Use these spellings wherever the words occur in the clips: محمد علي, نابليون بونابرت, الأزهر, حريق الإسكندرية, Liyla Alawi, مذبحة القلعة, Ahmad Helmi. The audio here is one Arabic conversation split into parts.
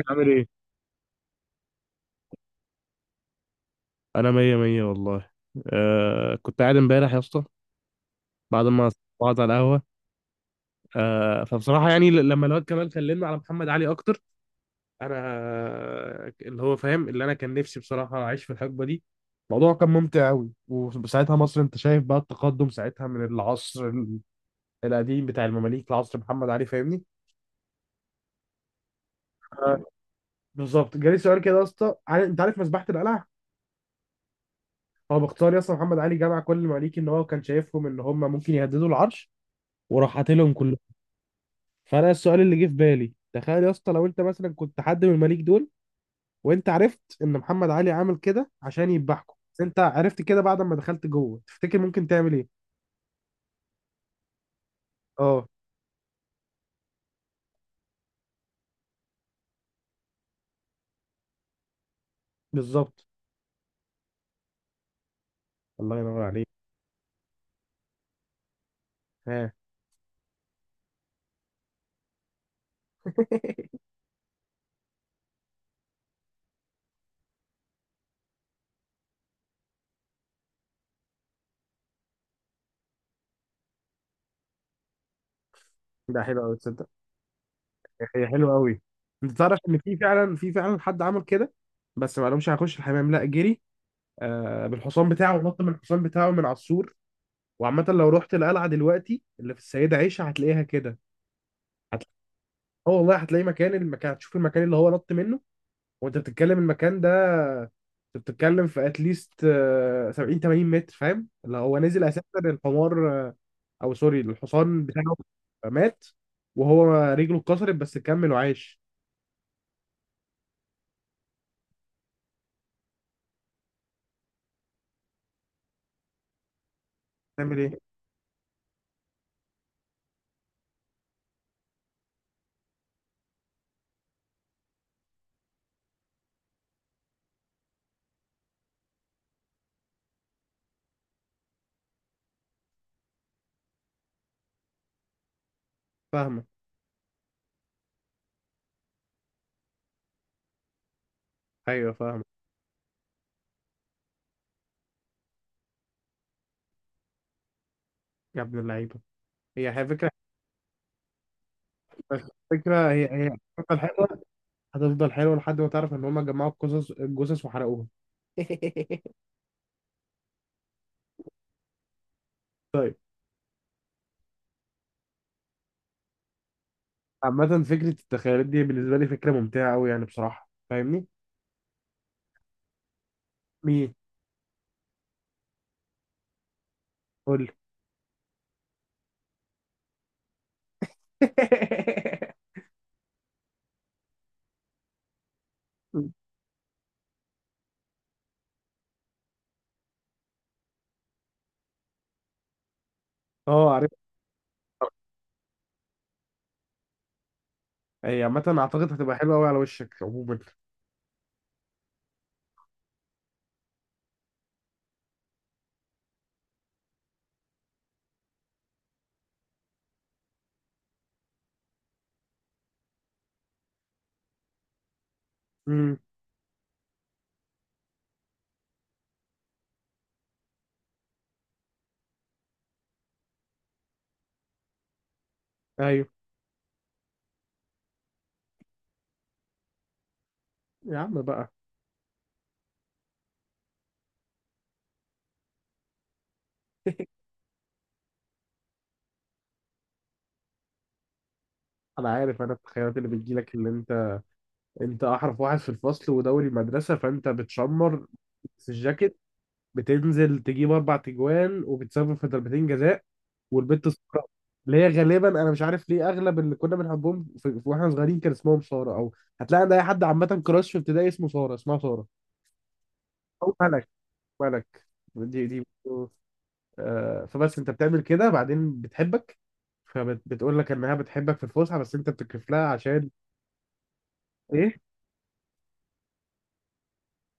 ازيك عامل ايه؟ انا مية مية والله. آه، كنت قاعد امبارح يا اسطى بعد ما قعدت على القهوة. آه، فبصراحة يعني لما الواد كمال كلمنا على محمد علي اكتر انا اللي هو فاهم اللي انا كان نفسي بصراحة اعيش في الحقبة دي. الموضوع كان ممتع قوي، وساعتها مصر انت شايف بقى التقدم ساعتها من القديم بتاع المماليك لعصر محمد علي، فاهمني؟ آه، بالظبط. جالي سؤال كده يا اسطى، انت عارف مذبحة القلعة؟ هو باختصار يا اسطى محمد علي جمع كل المماليك ان هو كان شايفهم ان هم ممكن يهددوا العرش وراح قاتلهم كلهم. فانا السؤال اللي جه في بالي، تخيل يا اسطى لو انت مثلا كنت حد من المليك دول وانت عرفت ان محمد علي عامل كده عشان يذبحكم، بس انت عرفت كده بعد ما دخلت جوه، تفتكر ممكن تعمل ايه؟ اه، بالظبط. الله ينور عليك. ها. ده حلو قوي، تصدق؟ هي حلوه قوي. انت تعرف ان في فعلا، في فعلا حد عمل كده؟ بس ما قالهمش هخش الحمام، لا جري آه بالحصان بتاعه ونط من الحصان بتاعه من على السور. وعامه لو رحت القلعه دلوقتي اللي في السيده عيشه هتلاقيها كده. اه والله هتلاقي مكان، المكان هتشوف المكان اللي هو نط منه. وانت بتتكلم المكان ده، انت بتتكلم في اتليست 70 80 متر. فاهم اللي هو نزل اساسا؟ الحمار آه، او سوري الحصان بتاعه مات، وهو رجله اتكسرت بس كمل وعاش. تعمل ايه؟ فاهمه. ايوه فاهمه. يا ابن اللعيبه، هي فكره. فكره، هي هتفضل حلوه. هتفضل حلوه لحد ما تعرف ان هم جمعوا القصص، الجثث وحرقوها. طيب. عامه فكره التخيلات دي بالنسبه لي فكره ممتعه قوي يعني بصراحه، فاهمني؟ مين؟ قول لي. اه، عارف. هي عامة اعتقد هتبقى حلوة قوي على وشك عموما. امم. ايوه. يا عم بقى. انا عارف انا التخيلات اللي بتجيلك اللي انت، انت احرف واحد في الفصل ودوري مدرسة، فانت بتشمر في الجاكيت، بتنزل تجيب اربع تجوان وبتسبب في ضربتين جزاء، والبت الصفراء اللي هي غالبا، انا مش عارف ليه اغلب اللي كنا بنحبهم في واحنا صغيرين كان اسمهم سارة، او هتلاقي عند اي حد عامة كراش في ابتدائي اسمه سارة، اسمها سارة، او ملك. ملك. دي آه، فبس انت بتعمل كده بعدين بتحبك، فبتقول لك انها بتحبك في الفسحه، بس انت بتكرف لها عشان ايه.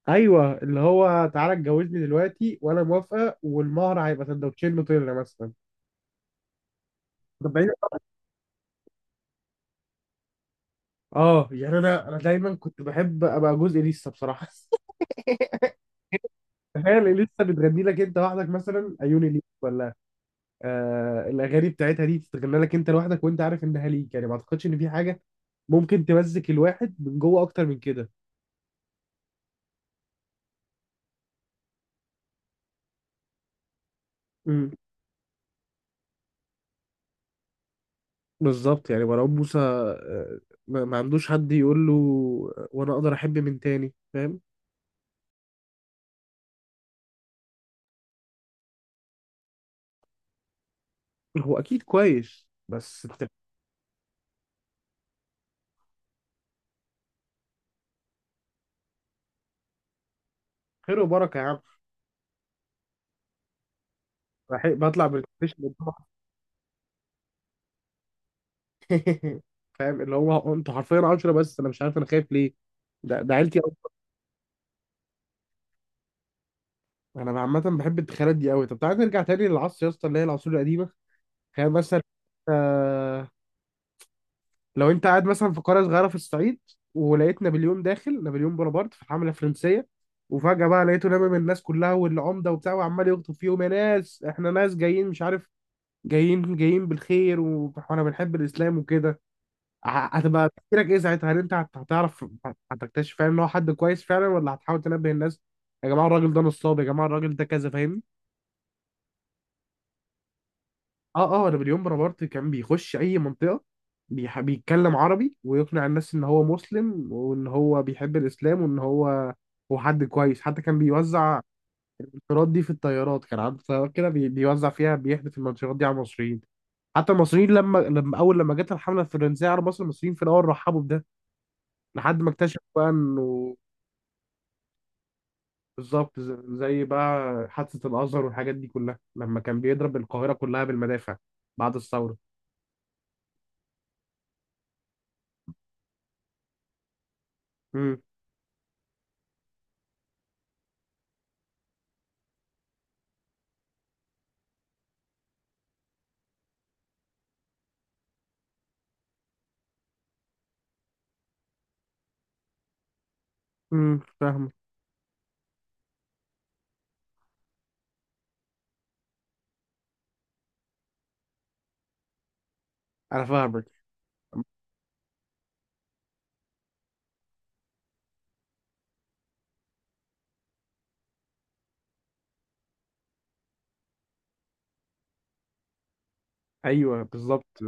ايوه، اللي هو تعالى اتجوزني دلوقتي وانا موافقه، والمهر هيبقى سندوتشين نوتيلا مثلا. طب بعيد. اه يعني انا دايما كنت بحب ابقى جزء لسه بصراحه. تخيل لسه بتغني لك انت لوحدك مثلا عيوني ليك، ولا آه الاغاني بتاعتها دي تتغنى لك انت لوحدك وانت عارف انها ليك. يعني ما اعتقدش ان في حاجه ممكن تمزك الواحد من جوه اكتر من كده. بالظبط، يعني مروان موسى آه، ما عندوش حد يقول له آه، وانا اقدر احب من تاني، فاهم؟ هو اكيد كويس، بس انت. خير وبركه يا عم. بطلع بالبلاي. فاهم اللي هو انتوا حرفيا 10، بس انا مش عارف انا خايف ليه. ده عيلتي قوي. انا عامه بحب التخيلات دي قوي. طب تعالى نرجع تاني للعصر يا اسطى، اللي هي العصور القديمه. تخيل مثلا آه، لو انت قاعد مثلا في قرية صغيرة في الصعيد، ولقيت نابليون داخل، نابليون بونابرت في الحملة الفرنسية، وفجأة بقى لقيته لامم الناس كلها والعمدة وبتاع، وعمال يخطب فيهم يا ناس احنا ناس جايين مش عارف جايين جايين بالخير واحنا بنحب الإسلام وكده. ه- هتبقى تفكيرك ايه ساعتها؟ هل انت هتعرف هتكتشف فعلا ان هو حد كويس فعلا، ولا هتحاول تنبه الناس يا جماعة الراجل ده نصاب، يا جماعة الراجل ده كذا، فاهمني؟ اه اه، نابليون بونابرت كان بيخش اي منطقه بيتكلم عربي ويقنع الناس ان هو مسلم وان هو بيحب الاسلام وان هو هو حد كويس. حتى كان بيوزع الطيارات دي، في الطيارات كان عنده طيارات كده بيوزع فيها بيحدف المنشورات دي على المصريين. حتى المصريين لما لما اول لما جت الحمله الفرنسيه على مصر، المصريين في الاول رحبوا بده لحد ما اكتشفوا بقى انه. بالظبط، زي بقى حادثه الازهر والحاجات دي كلها لما كان بيضرب القاهره كلها بالمدافع بعد الثوره. امم. امم. انا فاهمك. ايوه بالظبط.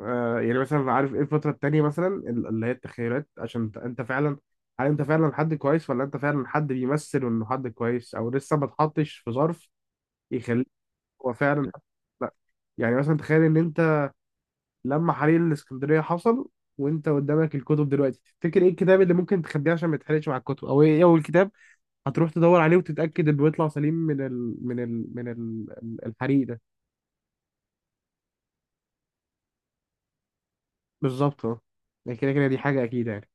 آه، يعني مثلا عارف ايه الفتره التانيه مثلا، اللي هي التخيلات عشان انت، أنت فعلا، هل انت فعلا حد كويس ولا انت فعلا حد بيمثل انه حد كويس، او لسه ما اتحطش في ظرف يخليك. هو فعلا لا، يعني مثلا تخيل ان انت لما حريق الاسكندريه حصل وانت قدامك الكتب دلوقتي، تفتكر ايه الكتاب اللي ممكن تخبيه عشان ما يتحرقش مع الكتب، او ايه اول كتاب هتروح تدور عليه وتتاكد انه يطلع سليم من ال من ال من ال الحريق ده. بالظبط، اه. يعني كده كده دي حاجه اكيده يعني.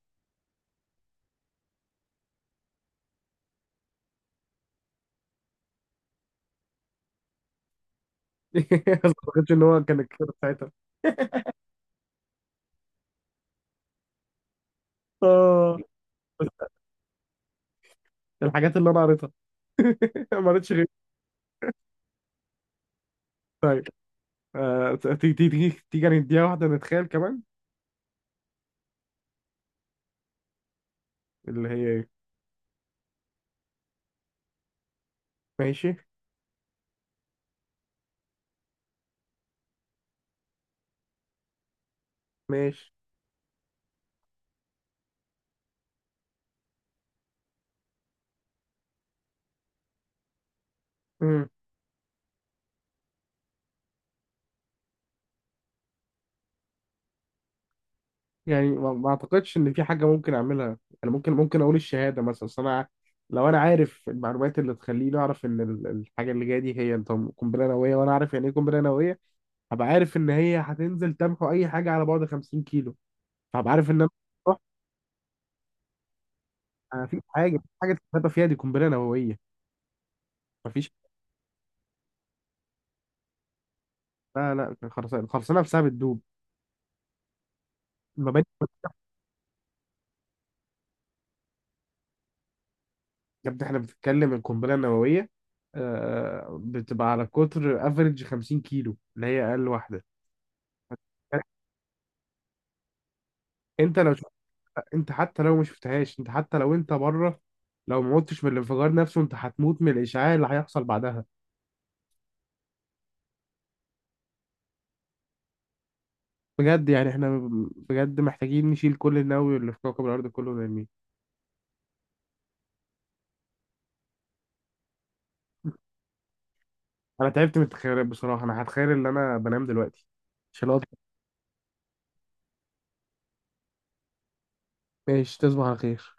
ما اعتقدش ان هو كان الكتاب ساعتها. اه. بس الحاجات اللي انا قريتها، ما قريتش غير. طيب آه، تيجي نديها واحده نتخيل كمان. اللي هي ايه. ماشي. ماشي. مم. يعني ما اعتقدش ان في حاجه ممكن اعملها. انا ممكن اقول الشهاده مثلا، أصل انا لو انا عارف المعلومات اللي تخليني اعرف ان الحاجه اللي جايه دي هي طب قنبله نوويه، وانا عارف يعني ايه قنبله نوويه، هبقى عارف ان هي هتنزل تمحو اي حاجه على بعد 50 كيلو، فهبقى عارف ان انا. ما فيش حاجه، مفيش حاجه تتغابى فيها، دي قنبله نوويه. ما فيش. لا لا، الخرسانه، الخرسانه نفسها بتدوب، المباني. يا ابني احنا بنتكلم القنبله النوويه آه، بتبقى على قطر افريج 50 كيلو اللي هي اقل واحده. انت لو شفت، انت حتى لو ما شفتهاش، انت حتى لو انت بره لو ما متش من الانفجار نفسه انت هتموت من الاشعاع اللي هيحصل بعدها. بجد، يعني احنا بجد محتاجين نشيل كل النووي اللي في كوكب الارض كله ونرميه. انا تعبت من التخيلات بصراحه، انا هتخيل ان انا بنام دلوقتي عشان. ماشي، تصبح على خير.